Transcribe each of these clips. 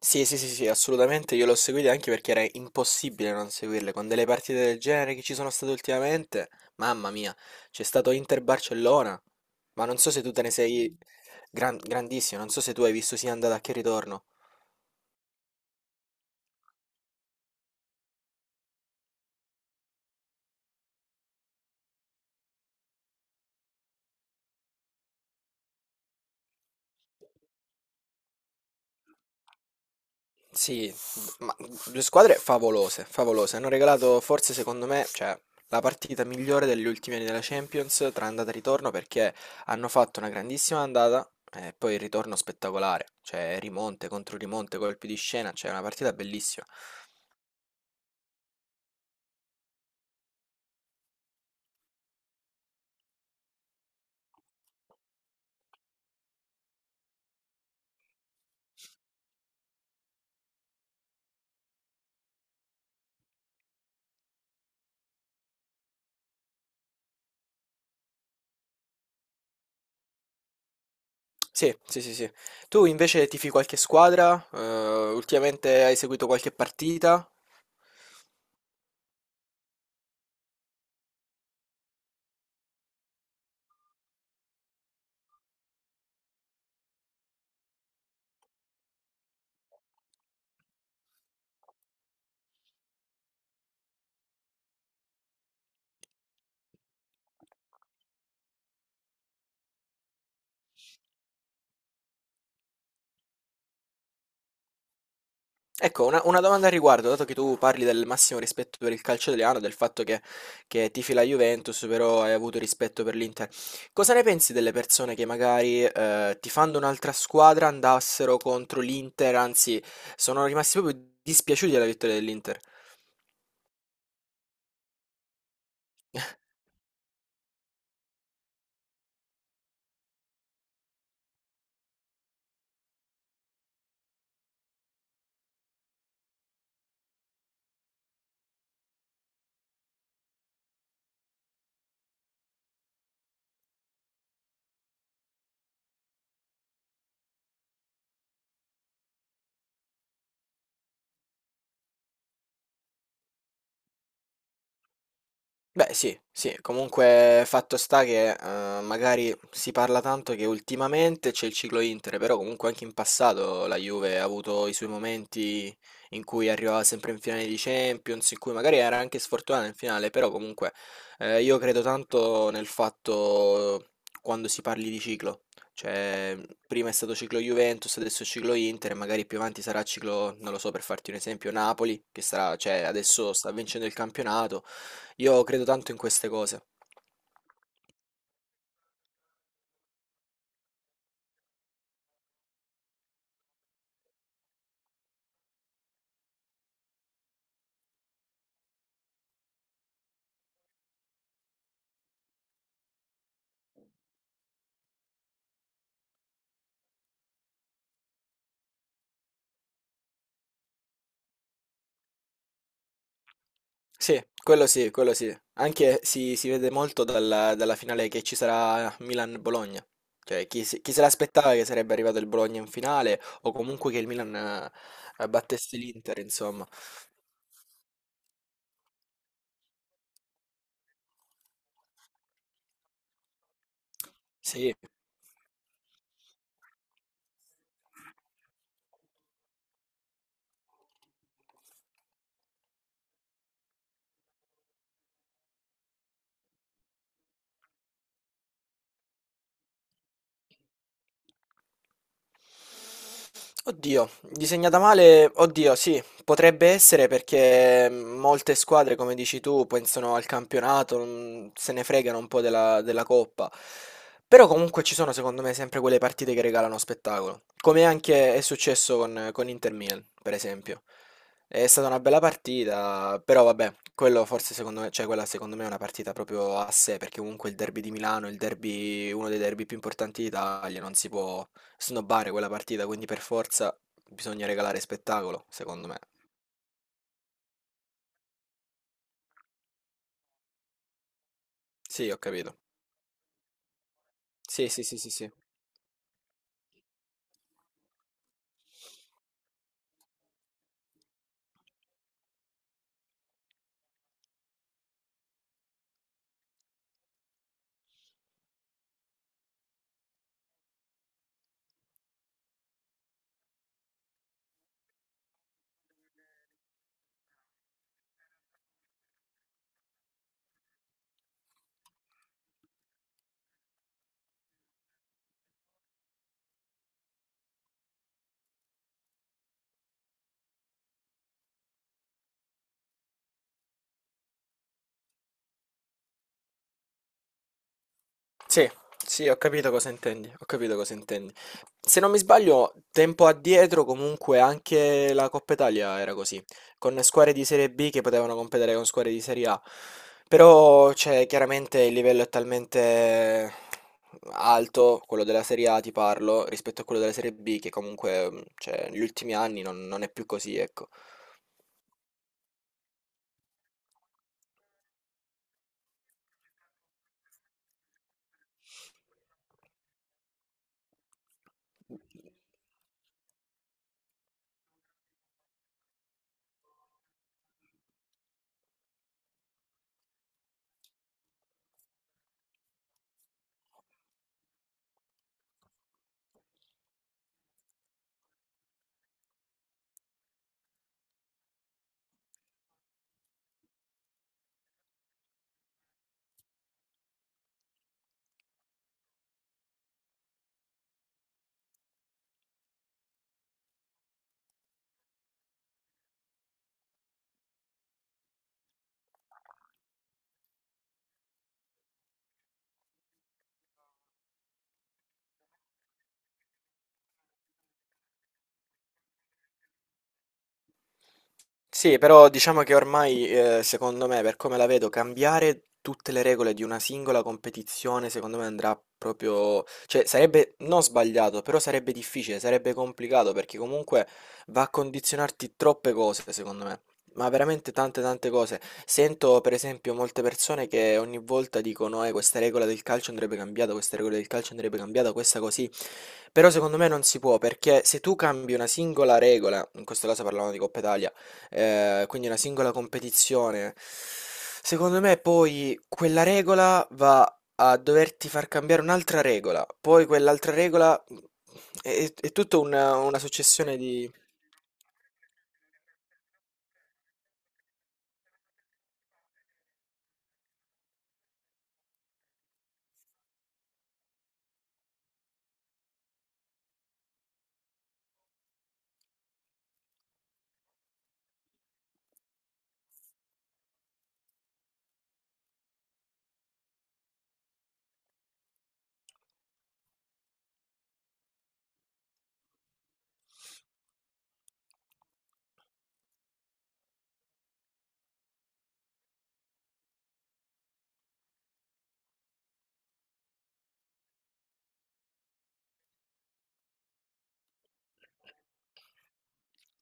Sì, sì, sì, sì, assolutamente, io l'ho seguita anche perché era impossibile non seguirle, con delle partite del genere che ci sono state ultimamente, mamma mia, c'è stato Inter-Barcellona, ma non so se tu te ne sei grandissimo, non so se tu hai visto sia andata che ritorno. Sì, ma due squadre favolose, favolose. Hanno regalato forse secondo me, cioè, la partita migliore degli ultimi anni della Champions tra andata e ritorno perché hanno fatto una grandissima andata e poi il ritorno spettacolare, cioè rimonte contro rimonte, colpi di scena, cioè una partita bellissima. Sì, sì, sì, sì. Tu invece tifi qualche squadra? Ultimamente hai seguito qualche partita? Ecco, una domanda al riguardo, dato che tu parli del massimo rispetto per il calcio italiano, del fatto che tifi la Juventus, però hai avuto rispetto per l'Inter. Cosa ne pensi delle persone che magari tifando un'altra squadra andassero contro l'Inter, anzi, sono rimasti proprio dispiaciuti della vittoria dell'Inter? Beh sì, sì, comunque fatto sta che, magari si parla tanto che ultimamente c'è il ciclo Inter, però comunque anche in passato la Juve ha avuto i suoi momenti in cui arrivava sempre in finale di Champions, in cui magari era anche sfortunata in finale, però comunque, io credo tanto nel fatto quando si parli di ciclo, cioè prima è stato ciclo Juventus, adesso è ciclo Inter, e magari più avanti sarà ciclo, non lo so, per farti un esempio, Napoli, che sarà, cioè adesso sta vincendo il campionato. Io credo tanto in queste cose. Sì, quello sì, quello sì. Anche si vede molto dalla, dalla finale che ci sarà Milan-Bologna. Cioè, chi, chi se l'aspettava che sarebbe arrivato il Bologna in finale o comunque che il Milan battesse l'Inter, insomma. Sì. Oddio, disegnata male, oddio, sì, potrebbe essere perché molte squadre, come dici tu, pensano al campionato, se ne fregano un po' della, della coppa. Però comunque ci sono, secondo me, sempre quelle partite che regalano spettacolo. Come anche è successo con Inter Milan, per esempio. È stata una bella partita, però vabbè, quello forse secondo me, cioè quella secondo me è una partita proprio a sé, perché comunque il derby di Milano, il derby, uno dei derby più importanti d'Italia, non si può snobbare quella partita, quindi per forza bisogna regalare spettacolo, secondo me. Sì, ho capito. Sì, sì, sì, sì, sì. Sì, sì, ho capito cosa intendi, ho capito cosa intendi. Se non mi sbaglio, tempo addietro comunque anche la Coppa Italia era così, con squadre di Serie B che potevano competere con squadre di Serie A. Però, cioè, chiaramente il livello è talmente alto, quello della Serie A ti parlo, rispetto a quello della Serie B, che comunque, cioè, negli ultimi anni non, non è più così, ecco. Mm. Sì, però diciamo che ormai, secondo me, per come la vedo, cambiare tutte le regole di una singola competizione, secondo me andrà proprio, cioè sarebbe non sbagliato, però sarebbe difficile, sarebbe complicato perché comunque va a condizionarti troppe cose, secondo me. Ma veramente tante tante cose. Sento per esempio molte persone che ogni volta dicono, questa regola del calcio andrebbe cambiata, questa regola del calcio andrebbe cambiata, questa così. Però secondo me non si può, perché se tu cambi una singola regola, in questo caso parlavamo di Coppa Italia, quindi una singola competizione. Secondo me poi quella regola va a doverti far cambiare un'altra regola, poi quell'altra regola è tutta una successione di...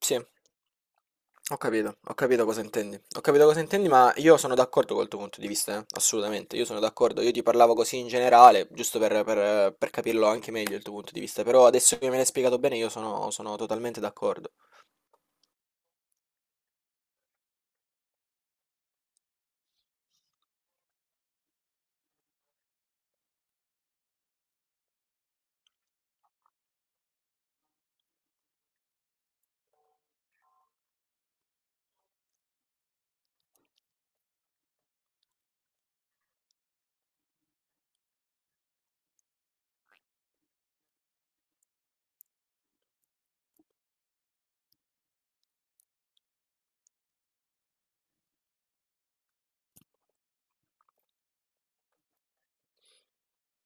Sì, ho capito cosa intendi, ho capito cosa intendi, ma io sono d'accordo col tuo punto di vista, assolutamente, io sono d'accordo, io ti parlavo così in generale, giusto per, per capirlo anche meglio il tuo punto di vista, però adesso che me l'hai spiegato bene io sono totalmente d'accordo.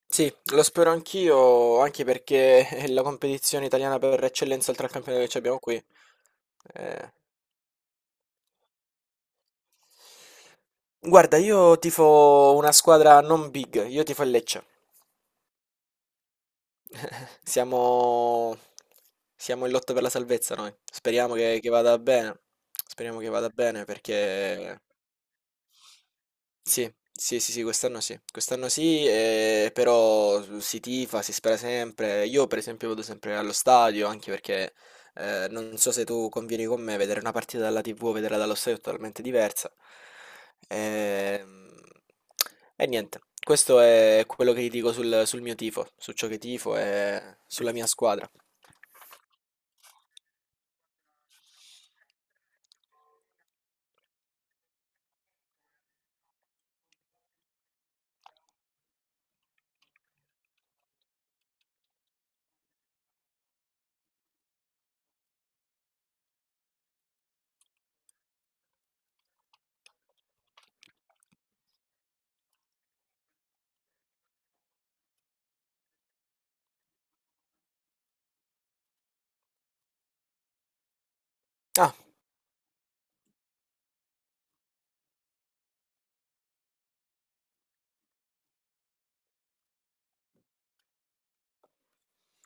Sì, lo spero anch'io, anche perché è la competizione italiana per eccellenza oltre al campionato che ci abbiamo qui. Eh. Guarda, io tifo una squadra non big, io tifo il Lecce. Siamo, siamo in lotta per la salvezza noi. Speriamo che vada bene. Speriamo che vada bene perché sì, sì, sì, sì, quest'anno sì. Quest'anno sì, però si tifa, si spera sempre. Io per esempio vado sempre allo stadio anche perché non so se tu convieni con me, vedere una partita dalla TV o vederla dallo stadio è totalmente diversa. Ehm, E, niente, questo è quello che ti dico sul, sul mio tifo, su ciò che tifo e sulla mia squadra. Ah,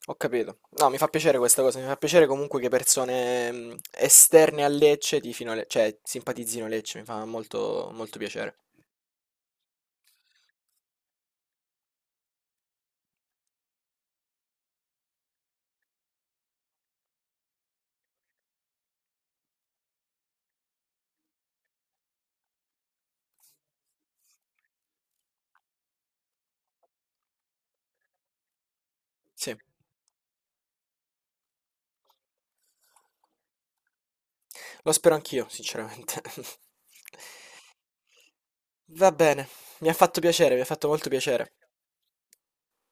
ho capito. No, mi fa piacere questa cosa, mi fa piacere comunque che persone esterne a Lecce tifino, cioè simpatizzino Lecce, mi fa molto, molto piacere. Sì, lo spero anch'io, sinceramente. Va bene, mi ha fatto piacere, mi ha fatto molto piacere.